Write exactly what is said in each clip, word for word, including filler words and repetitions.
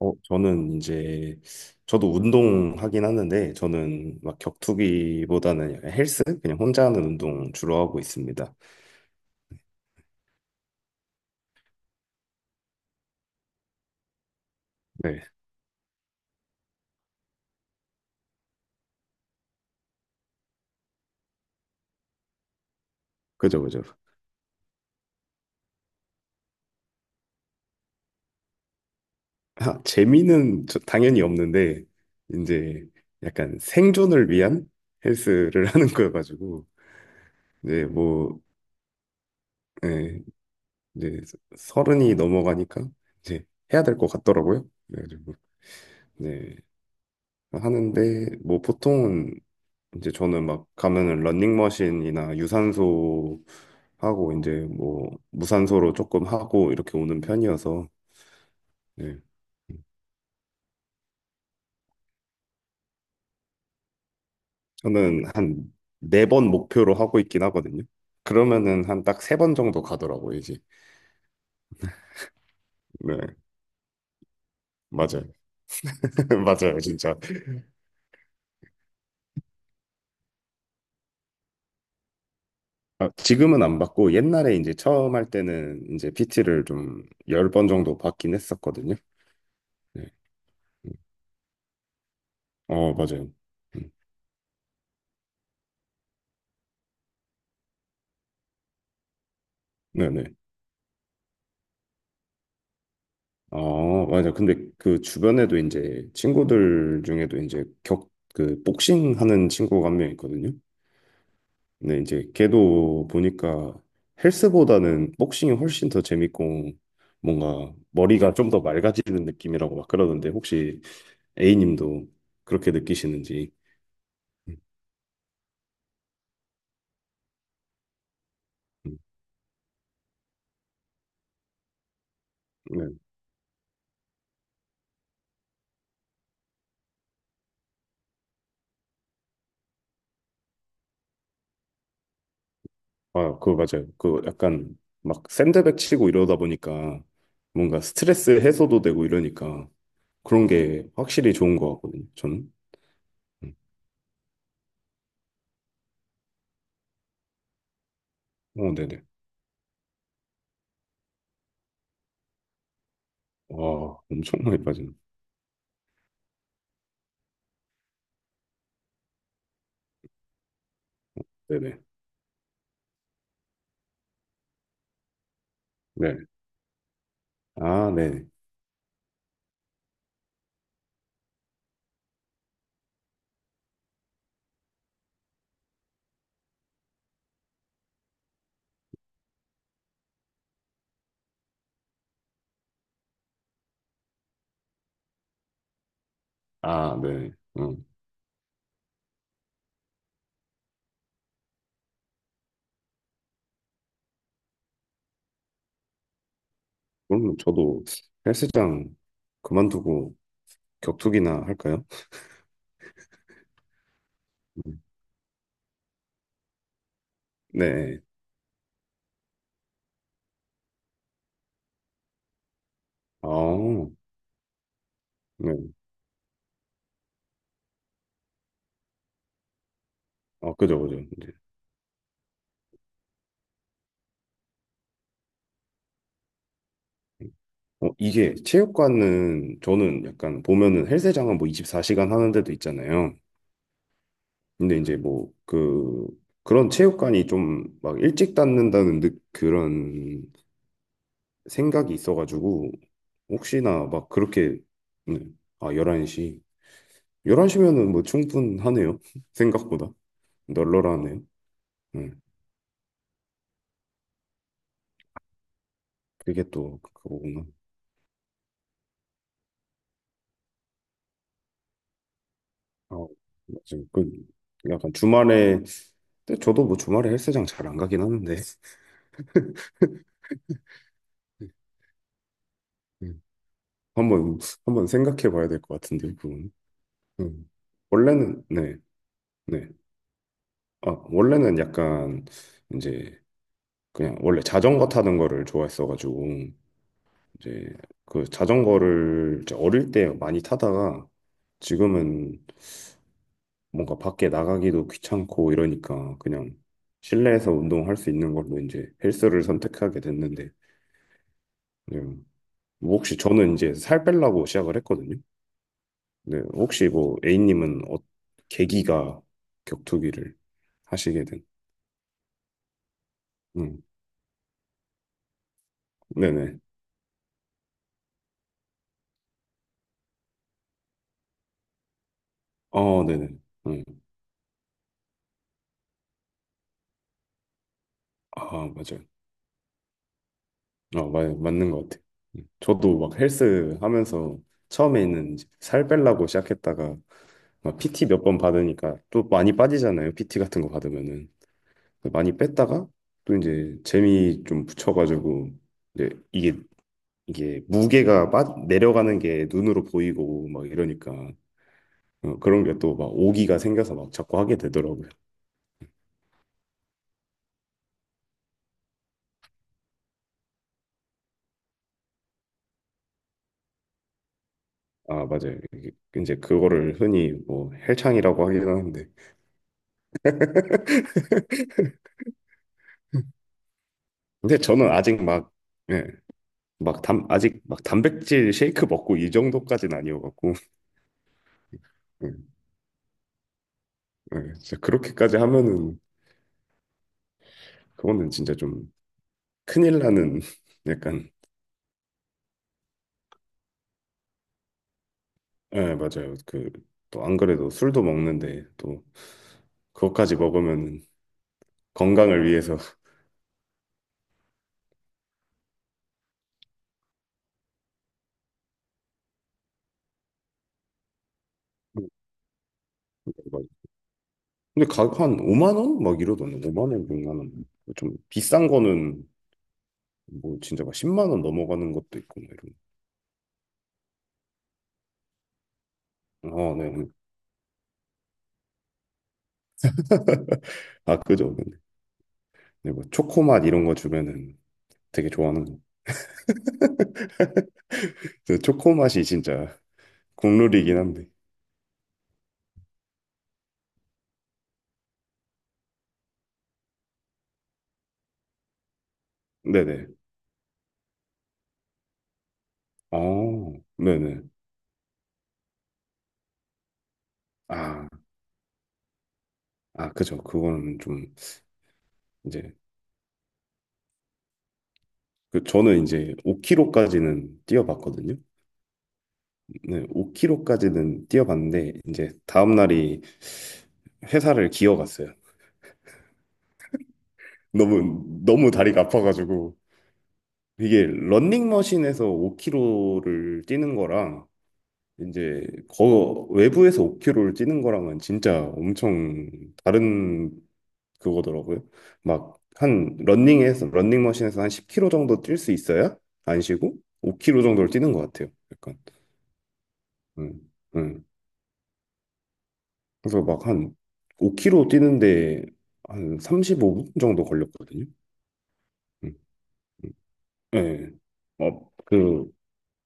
어, 저는 이제 저도 운동하긴 하는데 저는 막 격투기보다는 헬스 그냥 혼자 하는 운동 주로 하고 있습니다. 네, 그죠, 그죠. 아, 재미는 저- 당연히 없는데 이제 약간 생존을 위한 헬스를 하는 거여가지고 이제 뭐 예, 이제 서른이 넘어가니까 이제 해야 될 것 같더라고요. 그래가지고 네. 하는데 뭐 보통은 이제 저는 막 가면은 러닝머신이나 유산소 하고 이제 뭐 무산소로 조금 하고 이렇게 오는 편이어서. 네. 저는 한 네 번 목표로 하고 있긴 하거든요. 그러면은 한 딱 세 번 정도 가더라고요, 이제. 네, 맞아요. 맞아요, 진짜. 아, 지금은 안 받고 옛날에 이제 처음 할 때는 이제 피티를 좀 열 번 정도 받긴 했었거든요. 네. 음. 어, 맞아요. 음, 네네. 어, 맞아. 근데 그 주변에도 이제 친구들 중에도 이제 격, 그 복싱 하는 친구가 한 명 있거든요. 근데 이제 걔도 보니까 헬스보다는 복싱이 훨씬 더 재밌고 뭔가 머리가 좀 더 맑아지는 느낌이라고 막 그러던데 혹시 A님도 그렇게 느끼시는지. 음, 음. 네. 아, 그거 맞아요. 그 약간 막 샌드백 치고 이러다 보니까 뭔가 스트레스 해소도 되고 이러니까 그런 게 확실히 좋은 것 같거든요. 저는. 오, 네네. 와, 엄청 많이 빠지네. 네네. 네. 아, 네. 아, 네. 음. 그럼 저도 헬스장 그만두고 격투기나 할까요? 음. 네. 아, 네. 아, 그죠, 그죠. 이제. 어, 이게 체육관은 저는 약간 보면은 헬스장은 뭐 이십사 시간 하는 데도 있잖아요. 근데 이제 뭐 그 그런 체육관이 좀 막 일찍 닫는다는 느- 그런 생각이 있어가지고 혹시나 막 그렇게. 네. 아, 열한 시 열한 시면은 뭐 충분하네요. 생각보다 널널하네요. 네. 그게 또 그거구나. 아, 맞아요. 그 약간 주말에, 근데 저도 뭐 주말에 헬스장 잘 안 가긴 하는데. 네. 한번 한번 생각해 봐야 될 것 같은데 그건. 음. 원래는 네. 네. 아, 원래는 약간 이제 그냥 원래 자전거 타는 거를 좋아했어가지고 이제 그 자전거를 이제 어릴 때 많이 타다가 지금은 뭔가 밖에 나가기도 귀찮고 이러니까 그냥 실내에서 운동할 수 있는 걸로 이제 헬스를 선택하게 됐는데 그냥 뭐. 혹시 저는 이제 살 빼려고 시작을 했거든요. 근데 혹시 뭐 A님은 어, 계기가 격투기를 하시게 된? 음, 네네. 어, 네네. 음, 아, 맞아요. 어, 맞, 맞는 것 같아요. 음. 저도 막 헬스 하면서 처음에는 이제 살 빼려고 시작했다가 막 피티 몇 번 받으니까 또 많이 빠지잖아요. 피티 같은 거 받으면은 많이 뺐다가 또 이제 재미 좀 붙여가지고 이제 이게 이게 무게가 빠, 내려가는 게 눈으로 보이고 막 이러니까 어, 그런 게 또 막 오기가 생겨서 막 자꾸 하게 되더라고요. 아, 맞아요. 이게 이제 그거를 흔히 뭐 헬창이라고 하긴 하는데 근데 저는 아직 막 예, 막 담, 아직 막 단백질 쉐이크 먹고 이 정도까지는 아니어갖고. 예, 예, 진짜 그렇게까지 하면은 그거는 진짜 좀 큰일 나는 약간. 예, 맞아요. 그, 또 안 그래도 술도 먹는데 또 그것까지 먹으면은 건강을 위해서. 근데 가격 한 오만 원? 막 이러던데 오만 원, 육만 원. 좀 비싼 거는 뭐 진짜 막 십만 원 넘어가는 것도 있고 막 이런. 아, 네. 네. 아, 그죠. 근데 뭐 초코맛 이런 거 주면은 되게 좋아하는 거. 그 초코 맛이 진짜 국룰이긴 한데. 네네. 아, 네네. 아, 아, 그죠. 그거는 좀. 이제 그 저는 이제 오 킬로미터까지는 뛰어봤거든요. 네, 오 킬로미터까지는 뛰어봤는데 이제 다음 날이 회사를 기어갔어요. 너무 너무 다리가 아파가지고. 이게 런닝머신에서 오 킬로미터를 뛰는 거랑 이제 거 외부에서 오 킬로미터를 뛰는 거랑은 진짜 엄청 다른 그거더라고요. 막 한 러닝에서 러닝머신에서 한 십 킬로미터 정도 뛸 수 있어야 안 쉬고 오 킬로미터 정도를 뛰는 것 같아요. 약간. 음, 음. 그래서 막 한 오 킬로미터 뛰는데 한 삼십오 분 정도 걸렸거든요. 음, 음. 예. 어, 그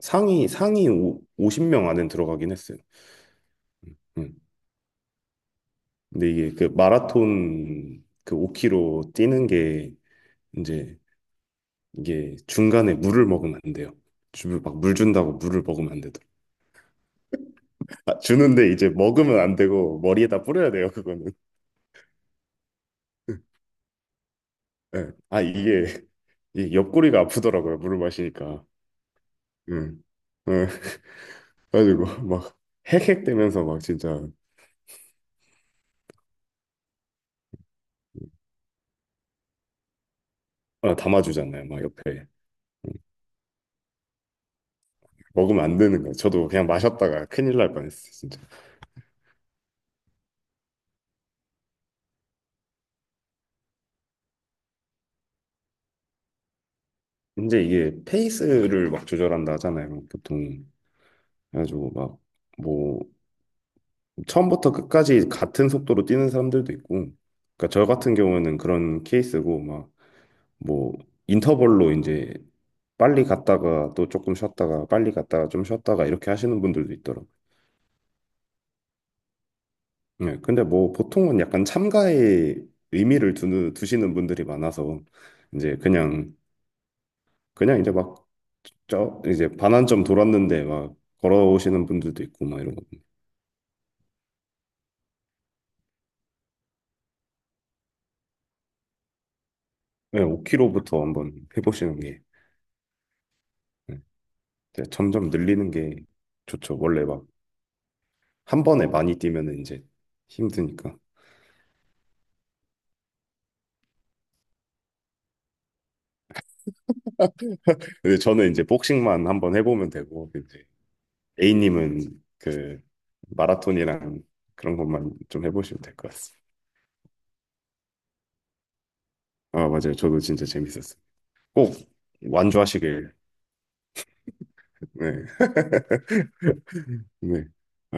상위 상위 오- 오십 명 안에 들어가긴 했어요. 음, 음. 근데 이게 그 마라톤 그 오 킬로미터 뛰는 게 이제 이게 중간에 물을 먹으면 안 돼요. 주부 막물 준다고 물을 먹으면 안 되더라고. 아, 주는데 이제 먹으면 안 되고 머리에다 뿌려야 돼요, 그거는. 예. 아, 이게 이 옆구리가 아프더라고요, 물을 마시니까. 응. 응. 그래가지고 막 헥헥대면서 막 진짜. 어, 담아주잖아요, 막 옆에. 먹으면 안 되는 거예요. 저도 그냥 마셨다가 큰일 날 뻔했어요, 진짜. 이제 이게 페이스를 막 조절한다 하잖아요, 보통. 그래가지고 막뭐 처음부터 끝까지 같은 속도로 뛰는 사람들도 있고, 그러니까 저 같은 경우에는 그런 케이스고, 막, 뭐, 인터벌로 이제 빨리 갔다가 또 조금 쉬었다가 빨리 갔다가 좀 쉬었다가 이렇게 하시는 분들도 있더라고요. 네, 근데 뭐 보통은 약간 참가에 의미를 두는, 두시는 분들이 많아서, 이제 그냥, 그냥, 이제 막, 저, 이제 반환점 돌았는데 막 걸어오시는 분들도 있고, 막 이러고. 네, 오 킬로미터부터 한번 해보시는 게. 네. 이제 점점 늘리는 게 좋죠. 원래 막 한 번에 많이 뛰면은 이제 힘드니까. 근데 저는 이제 복싱만 한번 해보면 되고 이제 A님은 그 마라톤이랑 그런 것만 좀 해보시면 될 것 같습니다. 아, 맞아요. 저도 진짜 재밌었어요. 꼭 완주하시길. 네. 네.